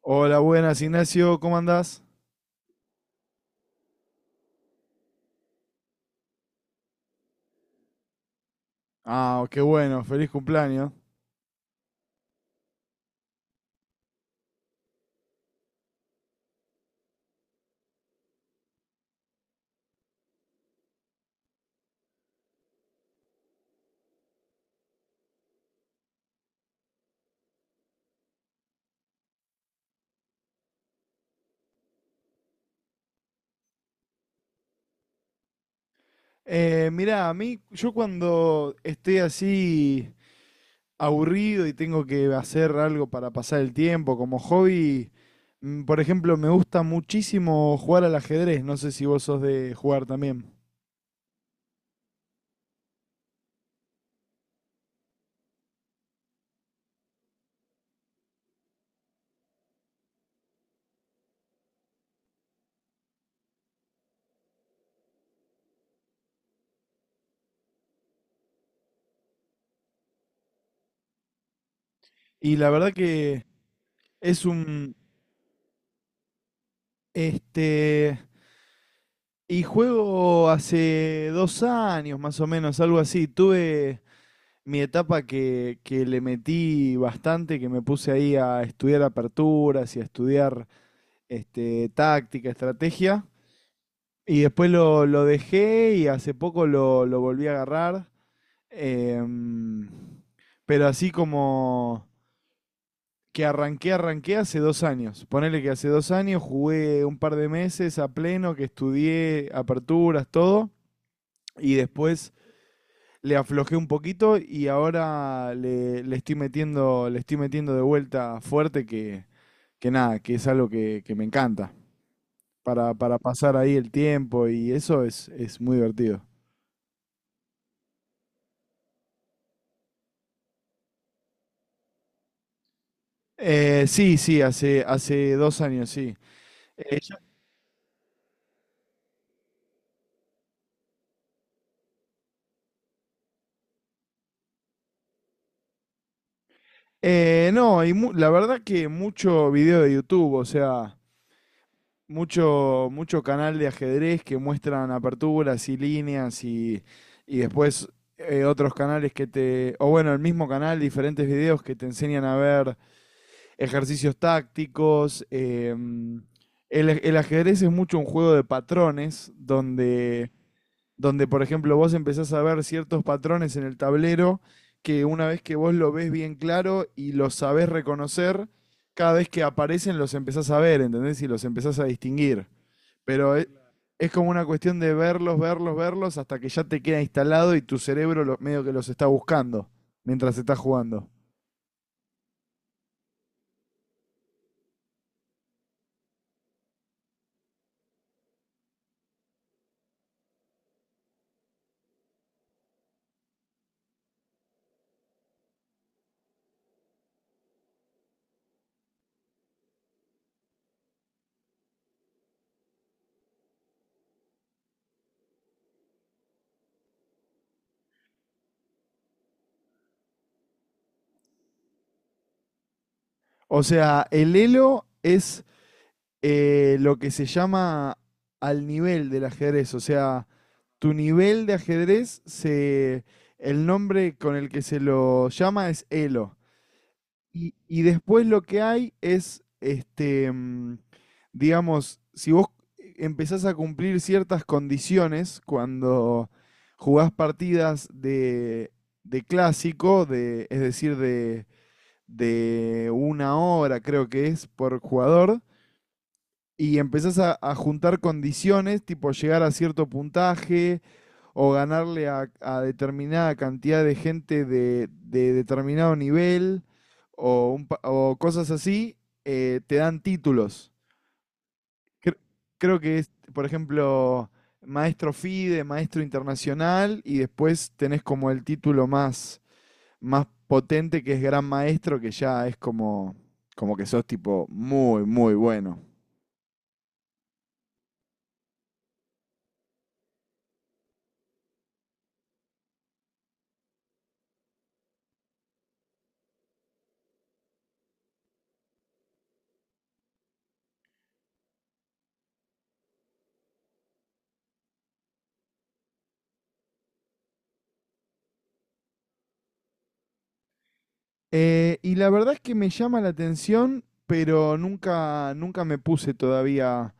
Hola, buenas, Ignacio, ¿cómo andás? Ah, qué bueno, feliz cumpleaños. Mirá, a mí, yo cuando estoy así aburrido y tengo que hacer algo para pasar el tiempo como hobby, por ejemplo, me gusta muchísimo jugar al ajedrez, no sé si vos sos de jugar también. Y la verdad que es este, y juego hace dos años más o menos, algo así, tuve mi etapa que le metí bastante, que me puse ahí a estudiar aperturas y a estudiar táctica, estrategia. Y después lo dejé y hace poco lo volví a agarrar. Em, pero así como que arranqué hace dos años. Ponele que hace dos años jugué un par de meses a pleno, que estudié aperturas, todo. Y después le aflojé un poquito y ahora le estoy metiendo, le estoy metiendo de vuelta fuerte que nada, que es algo que me encanta. Para pasar ahí el tiempo y eso es muy divertido. Sí, sí, hace dos años, sí. Eh, yo- no, y la verdad que mucho video de YouTube, o sea, mucho, mucho canal de ajedrez que muestran aperturas y líneas y después otros canales que te, o bueno, el mismo canal, diferentes videos que te enseñan a ver ejercicios tácticos. El ajedrez es mucho un juego de patrones donde, por ejemplo, vos empezás a ver ciertos patrones en el tablero que una vez que vos lo ves bien claro y los sabés reconocer, cada vez que aparecen los empezás a ver, ¿entendés? Y los empezás a distinguir. Pero es, es como una cuestión de verlos, verlos, verlos hasta que ya te queda instalado y tu cerebro medio que los está buscando mientras estás jugando. O sea, el Elo es lo que se llama al nivel del ajedrez. O sea, tu nivel de ajedrez se. El nombre con el que se lo llama es Elo. Y después lo que hay es, digamos, si vos empezás a cumplir ciertas condiciones cuando jugás partidas de clásico, de una hora creo que es por jugador, y empezás a juntar condiciones, tipo llegar a cierto puntaje o ganarle a determinada cantidad de gente de determinado nivel o, o cosas así, te dan títulos. Cre- Creo que es, por ejemplo, maestro FIDE, maestro internacional, y después tenés como el título más, más potente que es gran maestro, que ya es como, como que sos tipo muy, muy bueno. Y la verdad es que me llama la atención, pero nunca, nunca me puse todavía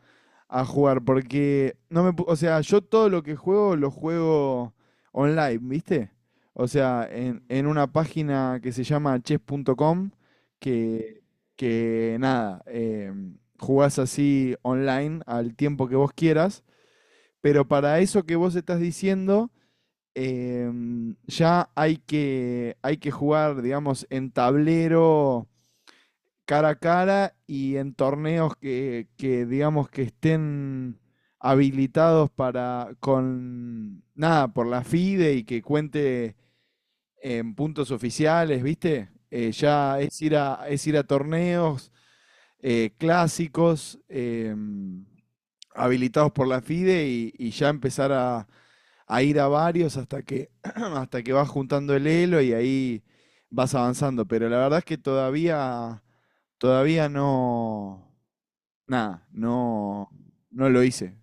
a jugar, porque no me, o sea, yo todo lo que juego lo juego online, ¿viste? O sea, en una página que se llama chess.com, que, que nada, jugás así online al tiempo que vos quieras, pero para eso que vos estás diciendo ya hay que jugar, digamos, en tablero cara a cara y en torneos que digamos que estén habilitados para con nada por la FIDE y que cuente en puntos oficiales, ¿viste? Ya es ir a torneos clásicos habilitados por la FIDE y ya empezar a ir a varios hasta que, hasta que vas juntando el elo y ahí vas avanzando. Pero la verdad es que todavía, todavía no, nada, no, no lo hice.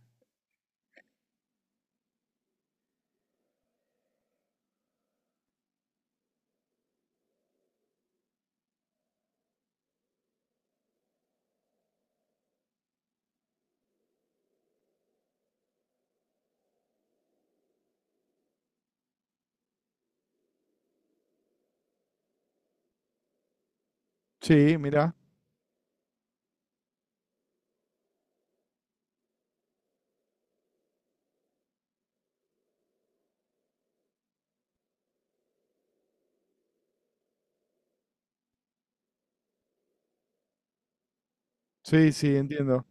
Sí, mirá. Sí, sí, entiendo.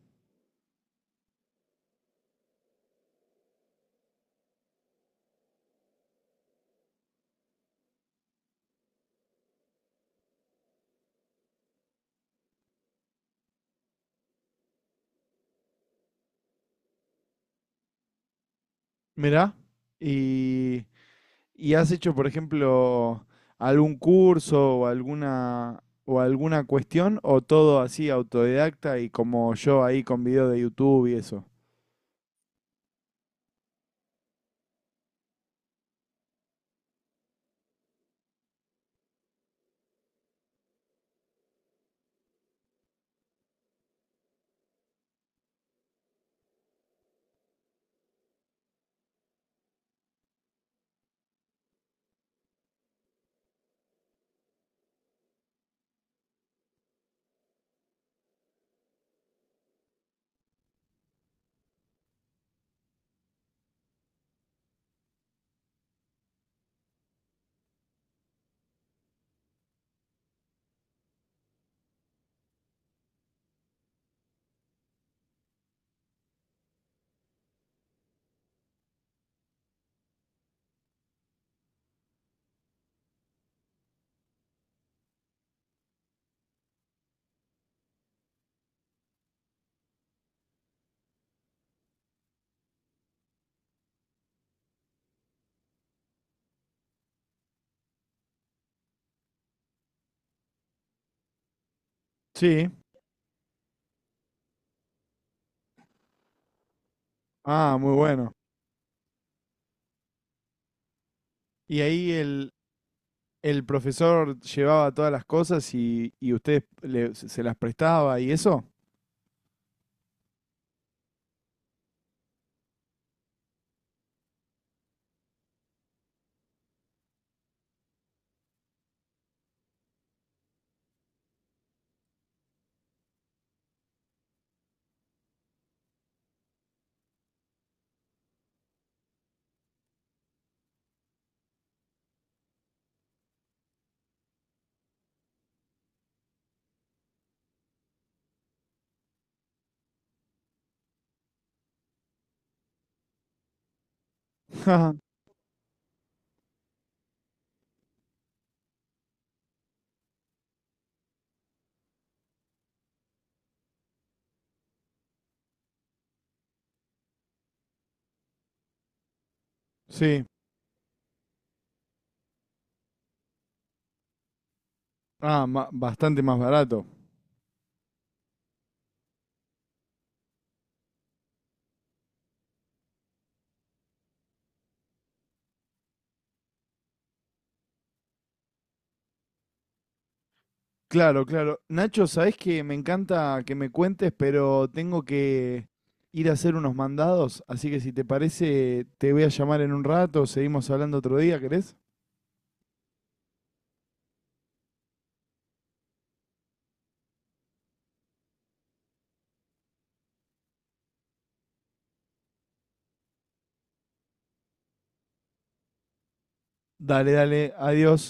Mirá. Y, y has hecho, por ejemplo, algún curso o alguna cuestión o todo así autodidacta y como yo ahí con video de YouTube y eso. Sí. Ah, muy bueno. Y ahí el profesor llevaba todas las cosas y usted se las prestaba y eso. Sí. Ah, bastante más barato. Claro, claro. Nacho, sabés que me encanta que me cuentes, pero tengo que ir a hacer unos mandados, así que si te parece, te voy a llamar en un rato, seguimos hablando otro día, ¿querés? Dale, dale, adiós.